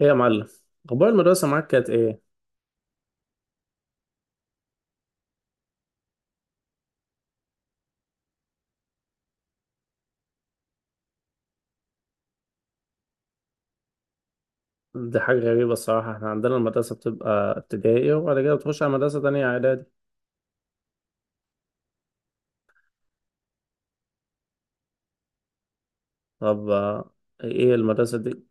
ايه يا معلم؟ اخبار المدرسه معاك كانت ايه؟ دي حاجه غريبه الصراحه، احنا عندنا المدرسه بتبقى ابتدائي وبعد كده بتخش على مدرسه تانية اعدادي. طب ايه المدرسه دي؟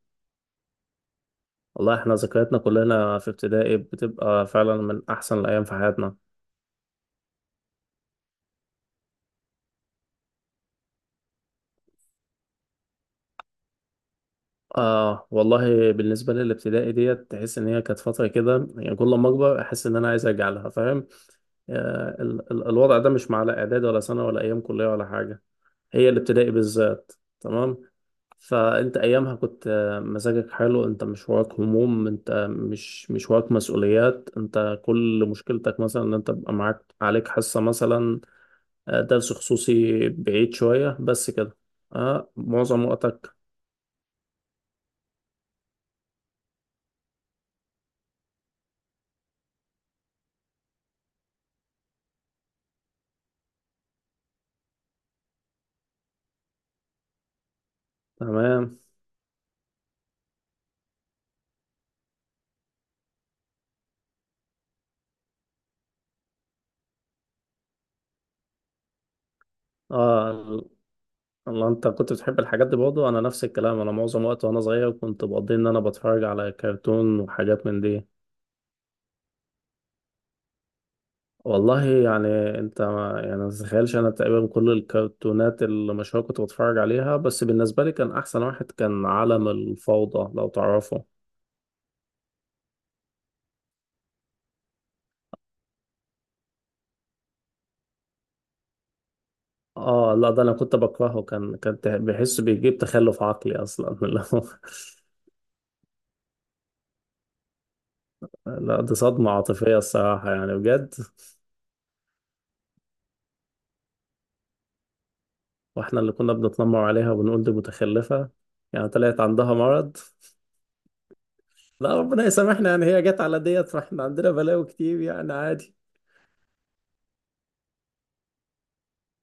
والله احنا ذكرياتنا كلنا في ابتدائي بتبقى فعلا من احسن الايام في حياتنا. آه والله، بالنسبه للابتدائي ديت تحس ان هي كانت فتره كده، يعني كل ما اكبر احس ان انا عايز ارجع لها، فاهم؟ آه، ال الوضع ده مش مع لا اعدادي ولا سنه ولا ايام كليه ولا حاجه. هي الابتدائي بالذات. تمام. فانت ايامها كنت مزاجك حلو، انت مش وراك هموم، انت مش وراك مسؤوليات، انت كل مشكلتك مثلا ان انت بقى معاك عليك حصة مثلا، درس خصوصي بعيد شوية بس كده. اه معظم وقتك. تمام. اه. الله، انت كنت بتحب الحاجات دي برضه؟ انا نفس الكلام، انا معظم وقت وانا صغير كنت بقضي ان انا بتفرج على كرتون وحاجات من دي. والله يعني، انت ما يعني ما تتخيلش انا تقريبا كل الكرتونات اللي مشهورة كنت بتفرج عليها، بس بالنسبة لي كان احسن واحد كان عالم الفوضى، لو تعرفه. اه لا، ده انا كنت بكرهه. بحس بيجيب تخلف عقلي اصلا اللي هو- لا دي صدمة عاطفية الصراحة يعني بجد. واحنا اللي كنا بنتنمر عليها وبنقول دي متخلفة، يعني طلعت عندها مرض. لا ربنا يسامحنا، يعني هي جت على ديت ما احنا عندنا بلاوي كتير يعني، عادي.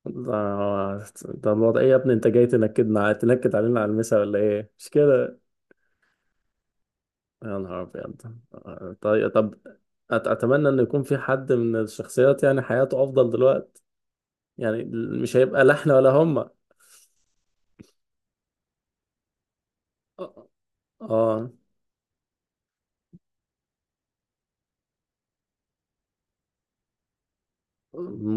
ده ده الوضع ايه يا ابني، انت جاي تنكد علينا على المسا ولا ايه، مش كده؟ يا نهار ابيض، طيب طب. اتمنى ان يكون في حد من الشخصيات يعني حياته افضل دلوقتي، يعني مش هيبقى لا احنا ولا هما. اه. آه.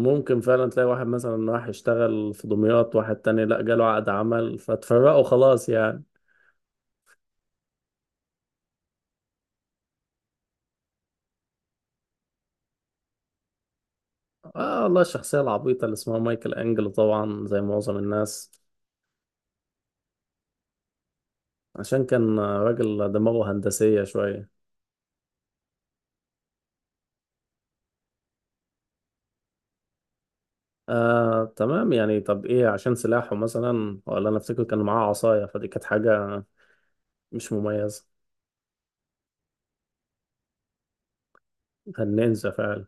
ممكن فعلا تلاقي واحد مثلا راح يشتغل في دمياط، واحد تاني لا جاله عقد عمل فتفرقوا خلاص يعني. اه والله الشخصية العبيطة اللي اسمها مايكل انجلو، طبعا زي معظم الناس، عشان كان راجل دماغه هندسية شوية. تمام يعني، طب ايه عشان سلاحه مثلا؟ ولا انا افتكر كان معاه عصاية، فدي كانت حاجة مش مميزة. كان نينجا فعلا.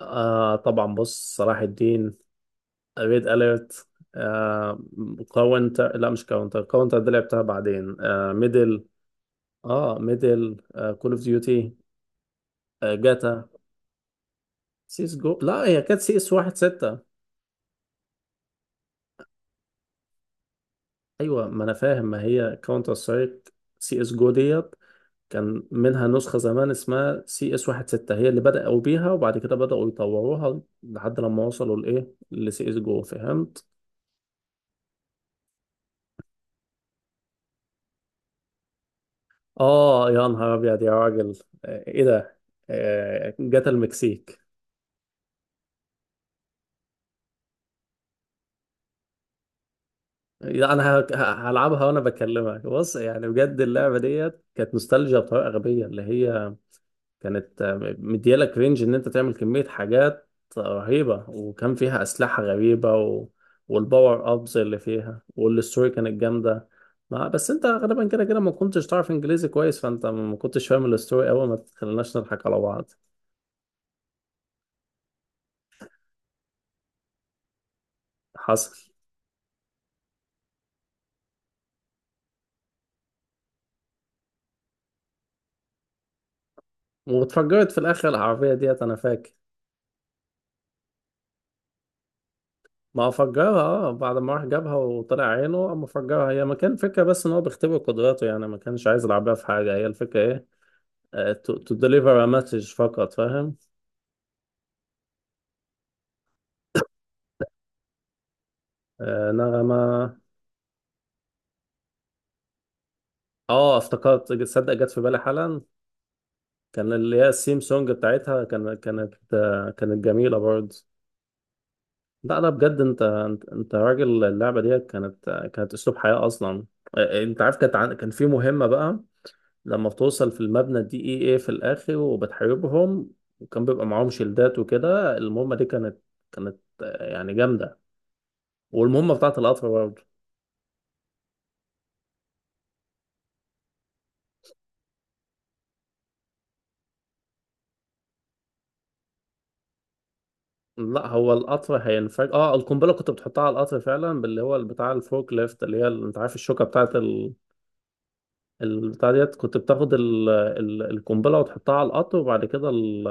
آه طبعا، بص صلاح الدين، ريد اليرت، آه كاونتر. لا مش كاونتر، كاونتر دي لعبتها بعدين، ميدل. اه ميدل، كول اوف ديوتي، جاتا، سيس جو. لا هي كانت سي اس واحد ستة. ايوه ما انا فاهم، ما هي كاونتر سترايك، سي اس جو ديت، كان منها نسخة زمان اسمها سي اس واحد ستة، هي اللي بدأوا بيها وبعد كده بدأوا يطوروها لحد لما وصلوا لإيه، لسي اس جو، فهمت؟ آه يا نهار أبيض يا راجل، آه، إيه ده؟ آه، جت المكسيك. لا أنا هلعبها وأنا بكلمك. بص يعني بجد، اللعبة ديت كانت نوستالجيا بطريقة غبية، اللي هي كانت مديالك رينج ان انت تعمل كمية حاجات رهيبة، وكان فيها اسلحة غريبة و... والباور ابز اللي فيها والستوري كانت جامدة. ما بس انت غالبا كده كده ما كنتش تعرف انجليزي كويس، فانت ما كنتش فاهم الستوري قوي، ما تخليناش نضحك على بعض. حصل. واتفجرت في الاخر العربية ديت، انا فاكر. ما فجرها، اه بعد ما راح جابها وطلع عينه اما فجرها، هي ما كان فكرة بس ان هو بيختبر قدراته، يعني ما كانش عايز العربية في حاجة، هي الفكرة. ايه، تو ديليفر ا مسج فقط، فاهم. نغمة. اه افتكرت، تصدق جت في بالي حالا. كان اللي هي السيم سونج بتاعتها كانت كانت جميلة برضه. لا لا بجد، انت انت راجل، اللعبة دي كانت كانت اسلوب حياة اصلا. انت عارف كانت كان في مهمة بقى، لما بتوصل في المبنى الدي اي اي في الاخر وبتحاربهم، وكان بيبقى معاهم شيلدات وكده، المهمة دي كانت يعني جامدة. والمهمة بتاعت القطر برضه. لا هو القطر هينفجر، اه القنبله كنت بتحطها على القطر فعلا، باللي هو بتاع الفورك ليفت، اللي هي انت عارف الشوكه بتاعت البتاع ديت، كنت بتاخد القنبله وتحطها على القطر، وبعد كده ال...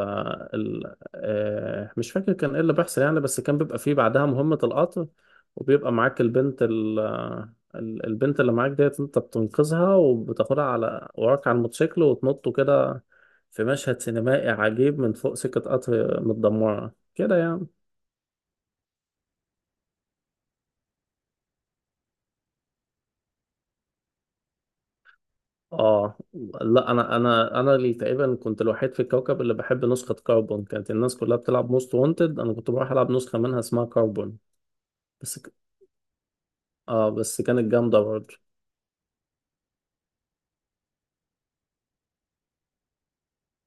ال... آه مش فاكر كان ايه اللي بيحصل يعني، بس كان بيبقى فيه بعدها مهمه القطر، وبيبقى معاك البنت البنت اللي معاك ديت انت بتنقذها وبتاخدها على وراك على الموتوسيكل وتنطوا كده في مشهد سينمائي عجيب، من فوق سكه قطر متدمره كده يعني. اه لا، انا انا اللي تقريبا كنت الوحيد في الكوكب اللي بحب نسخة كربون، كانت الناس كلها بتلعب موست وانتد، انا كنت بروح العب نسخة منها اسمها كربون. بس ك... اه بس كانت جامدة برضه.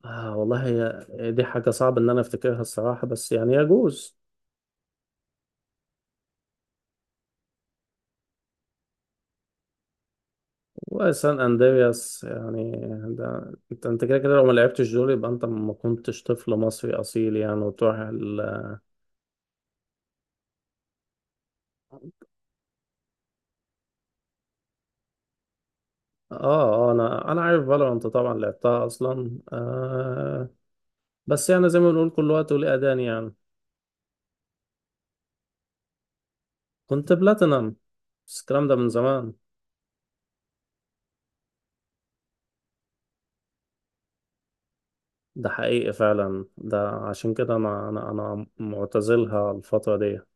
اه والله هي دي حاجة صعب ان انا افتكرها الصراحة، بس يعني يجوز. وسان اندرياس يعني، ده انت كده كده لو ما لعبتش دول يبقى انت ما كنتش طفل مصري اصيل يعني، وتروح ال... انا عارف فالورانت طبعا، لعبتها اصلا آه. بس يعني زي ما بنقول كل وقت وليه أذان يعني. كنت بلاتينم، بس الكلام ده من زمان. ده حقيقي فعلا، ده عشان كده أنا أنا معتزلها الفترة دي، أنا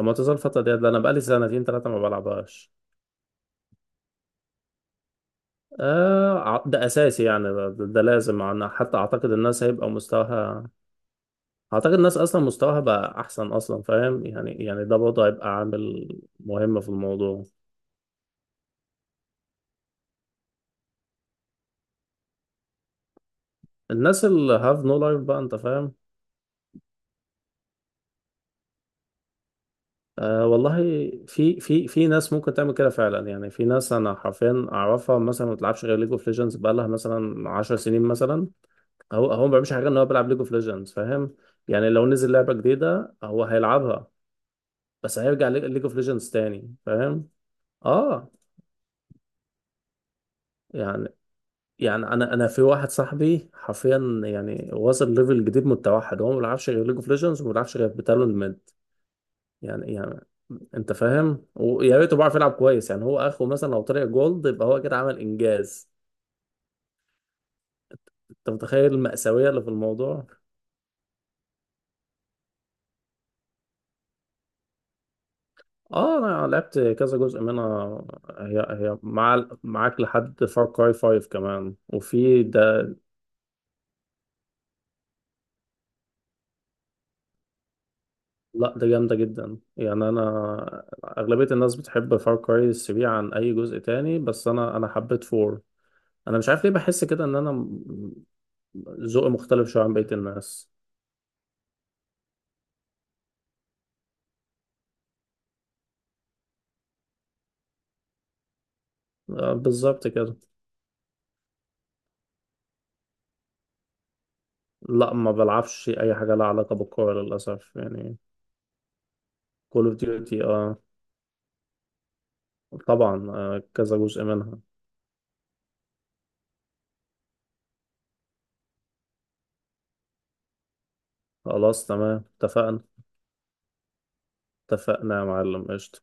معتزل الفترة دي، ده أنا بقالي سنتين تلاتة ما بلعبهاش. ده أساسي يعني، ده لازم، أنا حتى أعتقد الناس هيبقى مستواها، أعتقد الناس أصلا مستواها بقى أحسن أصلا، فاهم يعني ده برضه هيبقى عامل مهم في الموضوع. الناس اللي have no life بقى، أنت فاهم. أه والله، في ناس ممكن تعمل كده فعلا، يعني في ناس انا حرفيا اعرفها مثلا ما بتلعبش غير ليج اوف ليجندز بقالها مثلا 10 سنين مثلا، هو ما بيعملش حاجه غير ان هو بيلعب ليج اوف ليجندز، فاهم يعني؟ لو نزل لعبه جديده هو هيلعبها، بس هيرجع ليج اوف ليجندز تاني، فاهم. اه. يعني يعني انا في واحد صاحبي حرفيا، يعني وصل ليفل جديد من التوحد، هو ما بيلعبش غير ليج اوف ليجندز وما بيلعبش غير بتالون ميد. يعني انت فاهم، ويا ريته بيعرف يلعب كويس، يعني هو اخره مثلا لو طلع جولد يبقى هو كده عمل انجاز. انت متخيل المأساوية اللي في الموضوع؟ اه انا لعبت كذا جزء منها. هي معاك لحد فار كراي 5 كمان، وفي ده. لا ده جامدة جدا يعني، انا اغلبية الناس بتحب فار كراي 3 عن اي جزء تاني، بس انا حبيت 4. انا مش عارف ليه بحس كده، ان ذوقي مختلف شوية عن بقية الناس. بالظبط كده. لا ما بلعبش اي حاجه لها علاقه بالكوره للاسف يعني. كول اوف ديوتي اه. طبعا آه كذا جزء منها. خلاص تمام اتفقنا. اتفقنا يا معلم، قشطه.